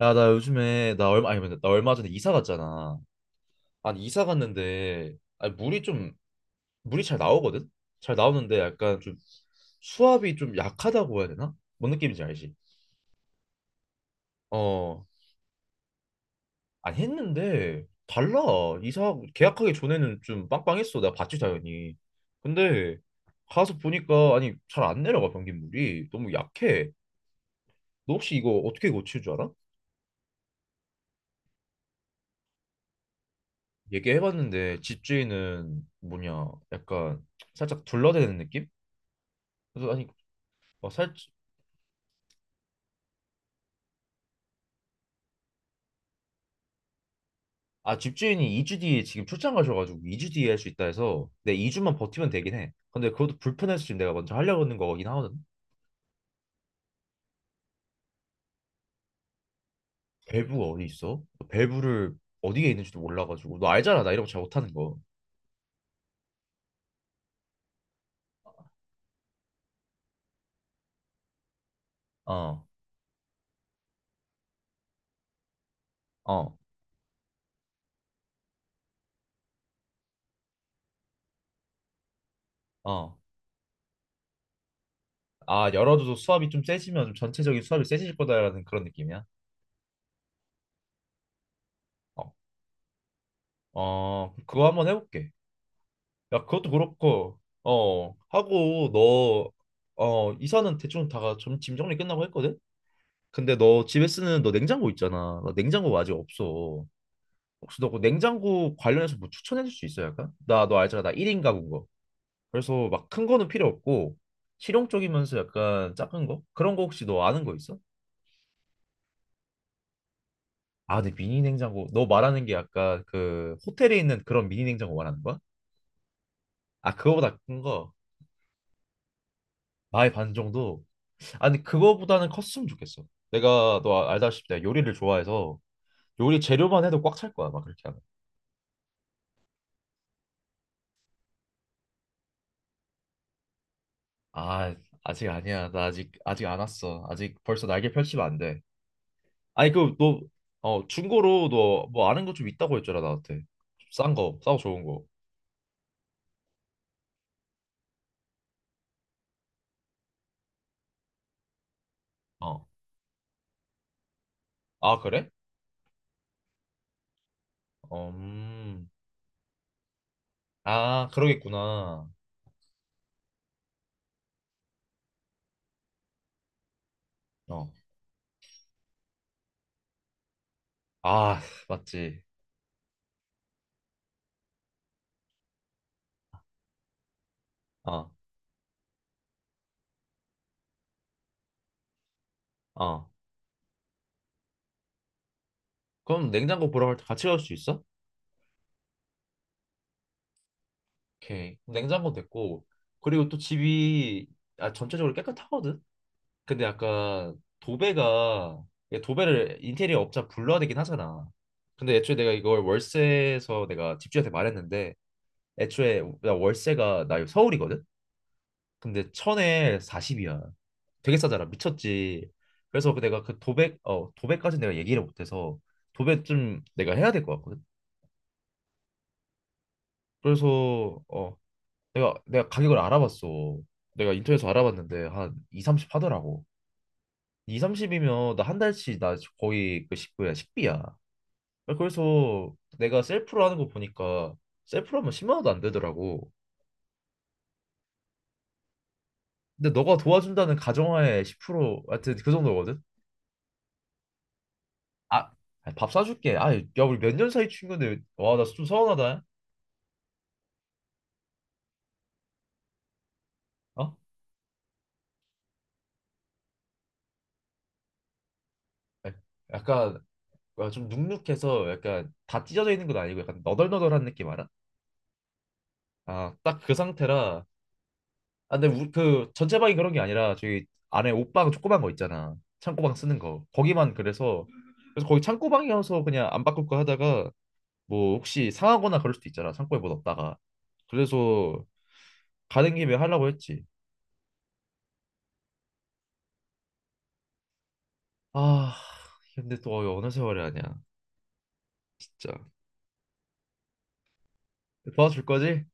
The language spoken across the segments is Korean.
야, 나 요즘에 나 얼마 아니 근데 나 얼마 전에 이사 갔잖아. 아니 이사 갔는데 아니 물이 잘 나오거든. 잘 나오는데 약간 좀 수압이 좀 약하다고 해야 되나? 뭔 느낌인지 알지? 어. 아니 했는데 달라. 이사 계약하기 전에는 좀 빵빵했어. 내가 봤지 당연히. 근데 가서 보니까 아니 잘 안 내려가. 변기물이 너무 약해. 너 혹시 이거 어떻게 고칠 줄 알아? 얘기해봤는데 집주인은 뭐냐 약간 살짝 둘러대는 느낌? 그래서 아니 어, 살, 아 집주인이 2주 뒤에 지금 출장 가셔가지고 2주 뒤에 할 수 있다 해서 내 2주만 버티면 되긴 해. 근데 그것도 불편해서 지금 내가 먼저 하려고 하는 거긴 하거든. 밸브가 어디 있어? 밸브를 어디에 있는지도 몰라가지고. 너 알잖아 나 이런 거 잘 못하는 거. 어, 어, 어. 아 열어줘도 수압이 좀 세지면 좀 전체적인 수압이 세질 거다라는 그런 느낌이야. 어, 어 그거 한번 해볼게. 야 그것도 그렇고 어 하고 너, 어 이사는 대충 다가 좀 짐 정리 끝나고 했거든. 근데 너 집에 쓰는 너 냉장고 있잖아. 나 냉장고 아직 없어. 혹시 너그 냉장고 관련해서 뭐 추천해 줄 수 있어 약간? 나 너 알잖아. 나 1인 가구인 거. 그래서 막 큰 거는 필요 없고 실용적이면서 약간 작은 거? 그런 거 혹시 너 아는 거 있어? 아, 근데 미니 냉장고. 너 말하는 게 약간 그 호텔에 있는 그런 미니 냉장고 말하는 거야? 아, 그거보다 큰 거. 나의 반 정도. 아니, 그거보다는 컸으면 좋겠어. 내가 너 알다시피 내가 요리를 좋아해서 요리 재료만 해도 꽉 찰 거야. 막 그렇게 하면. 아, 아직 아니야. 나 아직 안 왔어. 아직 벌써 날개 펼치면 안 돼. 아니 그 너 중고로 너 뭐 아는 거 좀 있다고 했잖아 나한테. 싼 거, 싸고 좋은 거. 어. 아 그래? 어, 아 그러겠구나. 어. 아 맞지. 어, 어. 그럼 냉장고 보러 갈 때 같이 갈 수 있어? 오케이. 냉장고 됐고, 그리고 또 집이 전체적으로 깨끗하거든. 근데 약간 도배가, 이게 도배를 인테리어 업자 불러야 되긴 하잖아. 근데 애초에 내가 이걸 월세에서 내가 집주인한테 말했는데, 애초에 나 월세가 나 서울이거든. 근데 천에 40이야. 되게 싸잖아. 미쳤지. 그래서 그 내가 그 도배까지 내가 얘기를 못해서 도배 좀 내가 해야 될 것 같거든. 그래서 내가 가격을 알아봤어. 내가 인터넷에서 알아봤는데 한 2, 30 하더라고. 2, 30이면 나 한 달치. 나 거의 그 식구야 식비야 그래서 내가 셀프로 하는 거 보니까 셀프로 하면 10만 원도 안 되더라고. 근데 너가 도와준다는 가정하에 10%, 하여튼 그 정도거든. 아, 아니, 밥 사줄게. 아, 야 우리 몇 년 사이 친구인데, 와 나 좀 서운하다. 어? 아, 약간, 와, 좀 눅눅해서 약간 다 찢어져 있는 건 아니고 약간 너덜너덜한 느낌 알아? 아 딱 그 상태라. 아, 근데 그 전체 방이 그런 게 아니라 저기 안에 옷방 조그만 거 있잖아. 창고방 쓰는 거. 거기만 그래서 거기 창고방이어서 그냥 안 바꿀까 하다가, 뭐 혹시 상하거나 그럴 수도 있잖아. 창고에 뭐 넣었다가. 그래서 가는 김에 하려고 했지. 아, 근데 또 어느 세월이 아니야. 진짜. 도와줄 거지?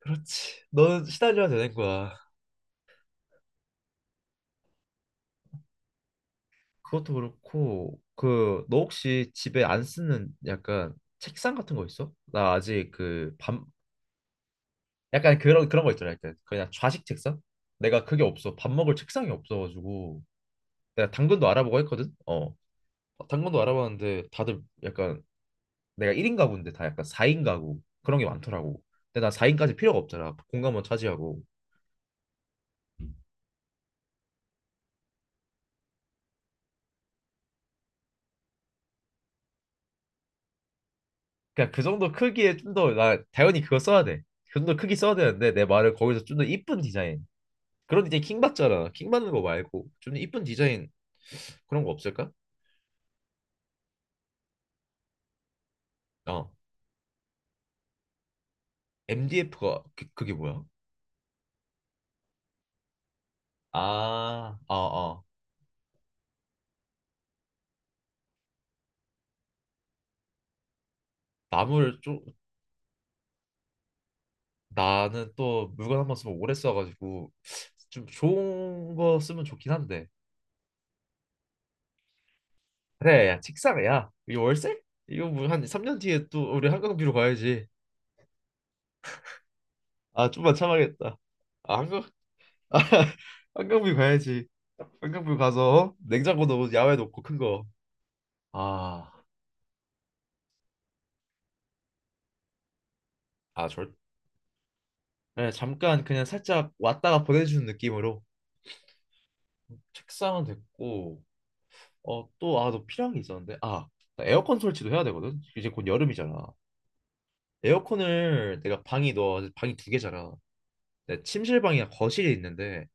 그렇지. 너는 시달려야 되는 거야. 그것도 그렇고 그 너 혹시 집에 안 쓰는 약간 책상 같은 거 있어? 나 아직 그반 약간 그런 거 있잖아요. 약간 그냥 좌식 책상? 내가 그게 없어. 밥 먹을 책상이 없어가지고 내가 당근도 알아보고 했거든. 어, 당근도 알아봤는데 다들 약간 내가 1인 가구인데 다 약간 4인 가구 그런 게 많더라고. 근데 나 4인까지 필요가 없잖아. 공간만 차지하고. 그냥 그 정도 크기에 좀 더, 나 당연히 그거 써야 돼. 그 정도 크기 써야 되는데 내 말을 거기서 좀 더 이쁜 디자인. 그런 디자인 킹 받잖아. 킹 받는 거 말고 좀 더 이쁜 디자인 그런 거 없을까? 어. MDF가 그게 뭐야? 아, 어, 어. 나무를 쪼 나는 또 물건 한 번 쓰면 오래 써가지고 좀 좋은 거 쓰면 좋긴 한데. 그래 야, 책상. 야 이 월세? 이거 뭐 한 3년 뒤에 또 우리 한강뷰로 가야지. 아 좀만 참아야겠다. 아 한강뷰 가야지. 한강뷰 가서 어? 냉장고 넣 야외 놓고 큰 거. 아 아 절그 잠깐 그냥 살짝 왔다가 보내주는 느낌으로. 책상은 됐고. 어 또 아 너 필요한 게 있었는데 아나, 에어컨 설치도 해야 되거든. 이제 곧 여름이잖아. 에어컨을 내가 방이 너 방이 두 개잖아. 내 침실방이랑 거실이 있는데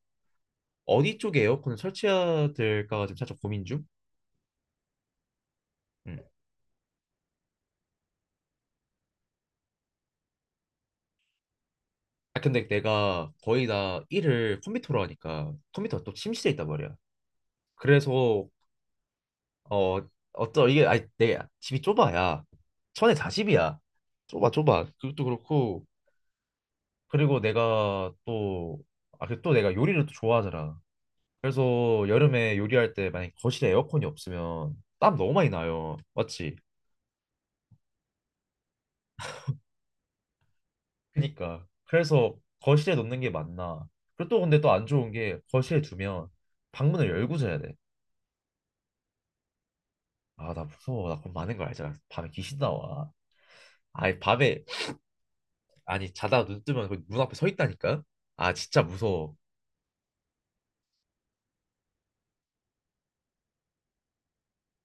어디 쪽에 에어컨을 설치해야 될까가 지금 살짝 고민 중. 음. 아 근데 내가 거의 다 일을 컴퓨터로 하니까 컴퓨터가 또 침실에 있단 말이야. 그래서 어, 어떤 이게 아니 내 집이 좁아야. 천에 40이야. 좁아 좁아. 그것도 그렇고 그리고 내가 또, 아, 그또 내가 요리를 또 좋아하잖아. 그래서 여름에 요리할 때 만약 거실에 에어컨이 없으면 땀 너무 많이 나요. 맞지? 그니까. 그래서 거실에 놓는 게 맞나? 그리고 또 근데 또 안 좋은 게, 거실에 두면 방문을 열고 자야 돼. 아, 나 무서워. 나 그럼 많은 걸 알잖아. 밤에 귀신 나와. 아니, 밤에 아니 자다 눈 뜨면 거기 문 앞에 서 있다니까. 아, 진짜 무서워.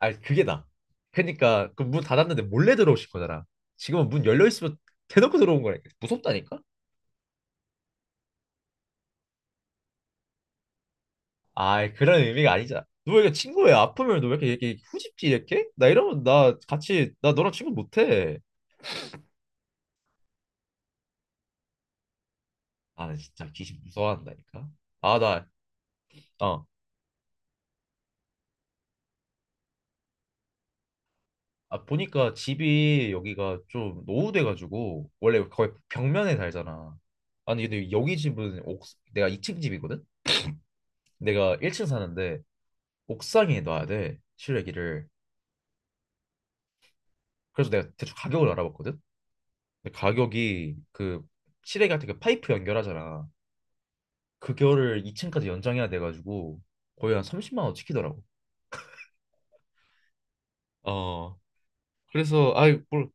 아니, 그게 나. 그러니까 그 문 닫았는데 몰래 들어오신 거잖아. 지금은 문 열려 있으면 대놓고 들어온 거라니까. 무섭다니까? 아, 그런 의미가 아니잖아. 너 왜 이렇게 친구야? 아프면 너 왜 이렇게 후집지 이렇게? 나 이러면 나 같이 나 너랑 친구 못해. 아, 나 진짜 귀신 무서워한다니까. 아, 나. 어. 아, 보니까 집이 여기가 좀 노후돼가지고 원래 거의 벽면에 살잖아. 아니 근데 여기 집은 옥 내가 2층 집이거든. 내가 1층 사는데 옥상에 놔야 돼 실외기를. 그래서 내가 대충 가격을 알아봤거든. 근데 가격이 그 실외기 같은 그 파이프 연결하잖아. 그거를 2층까지 연장해야 돼가지고 거의 한 30만 원 찍히더라고. 어 그래서 아이 뭘.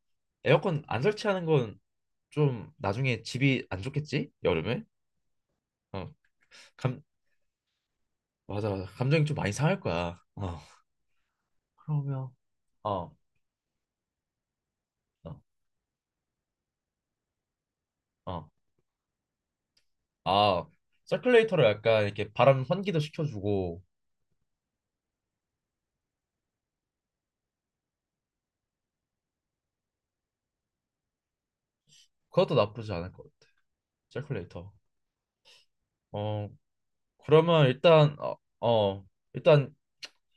에어컨 안 설치하는 건 좀 나중에 집이 안 좋겠지 여름에. 어감, 맞아 맞아. 감정이 좀 많이 상할 거야. 어. 그러면, 어어어아 서큘레이터로 약간 이렇게 바람 환기도 시켜주고. 그것도 나쁘지 않을 것 같아. 서큘레이터. 어 그러면 일단 어, 어 일단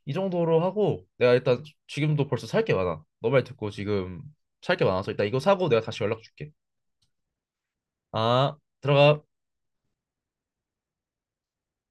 이 정도로 하고, 내가 일단 지금도 벌써 살 게 많아. 너 말 듣고 지금 살 게 많아서 일단 이거 사고 내가 다시 연락 줄게. 아, 들어가.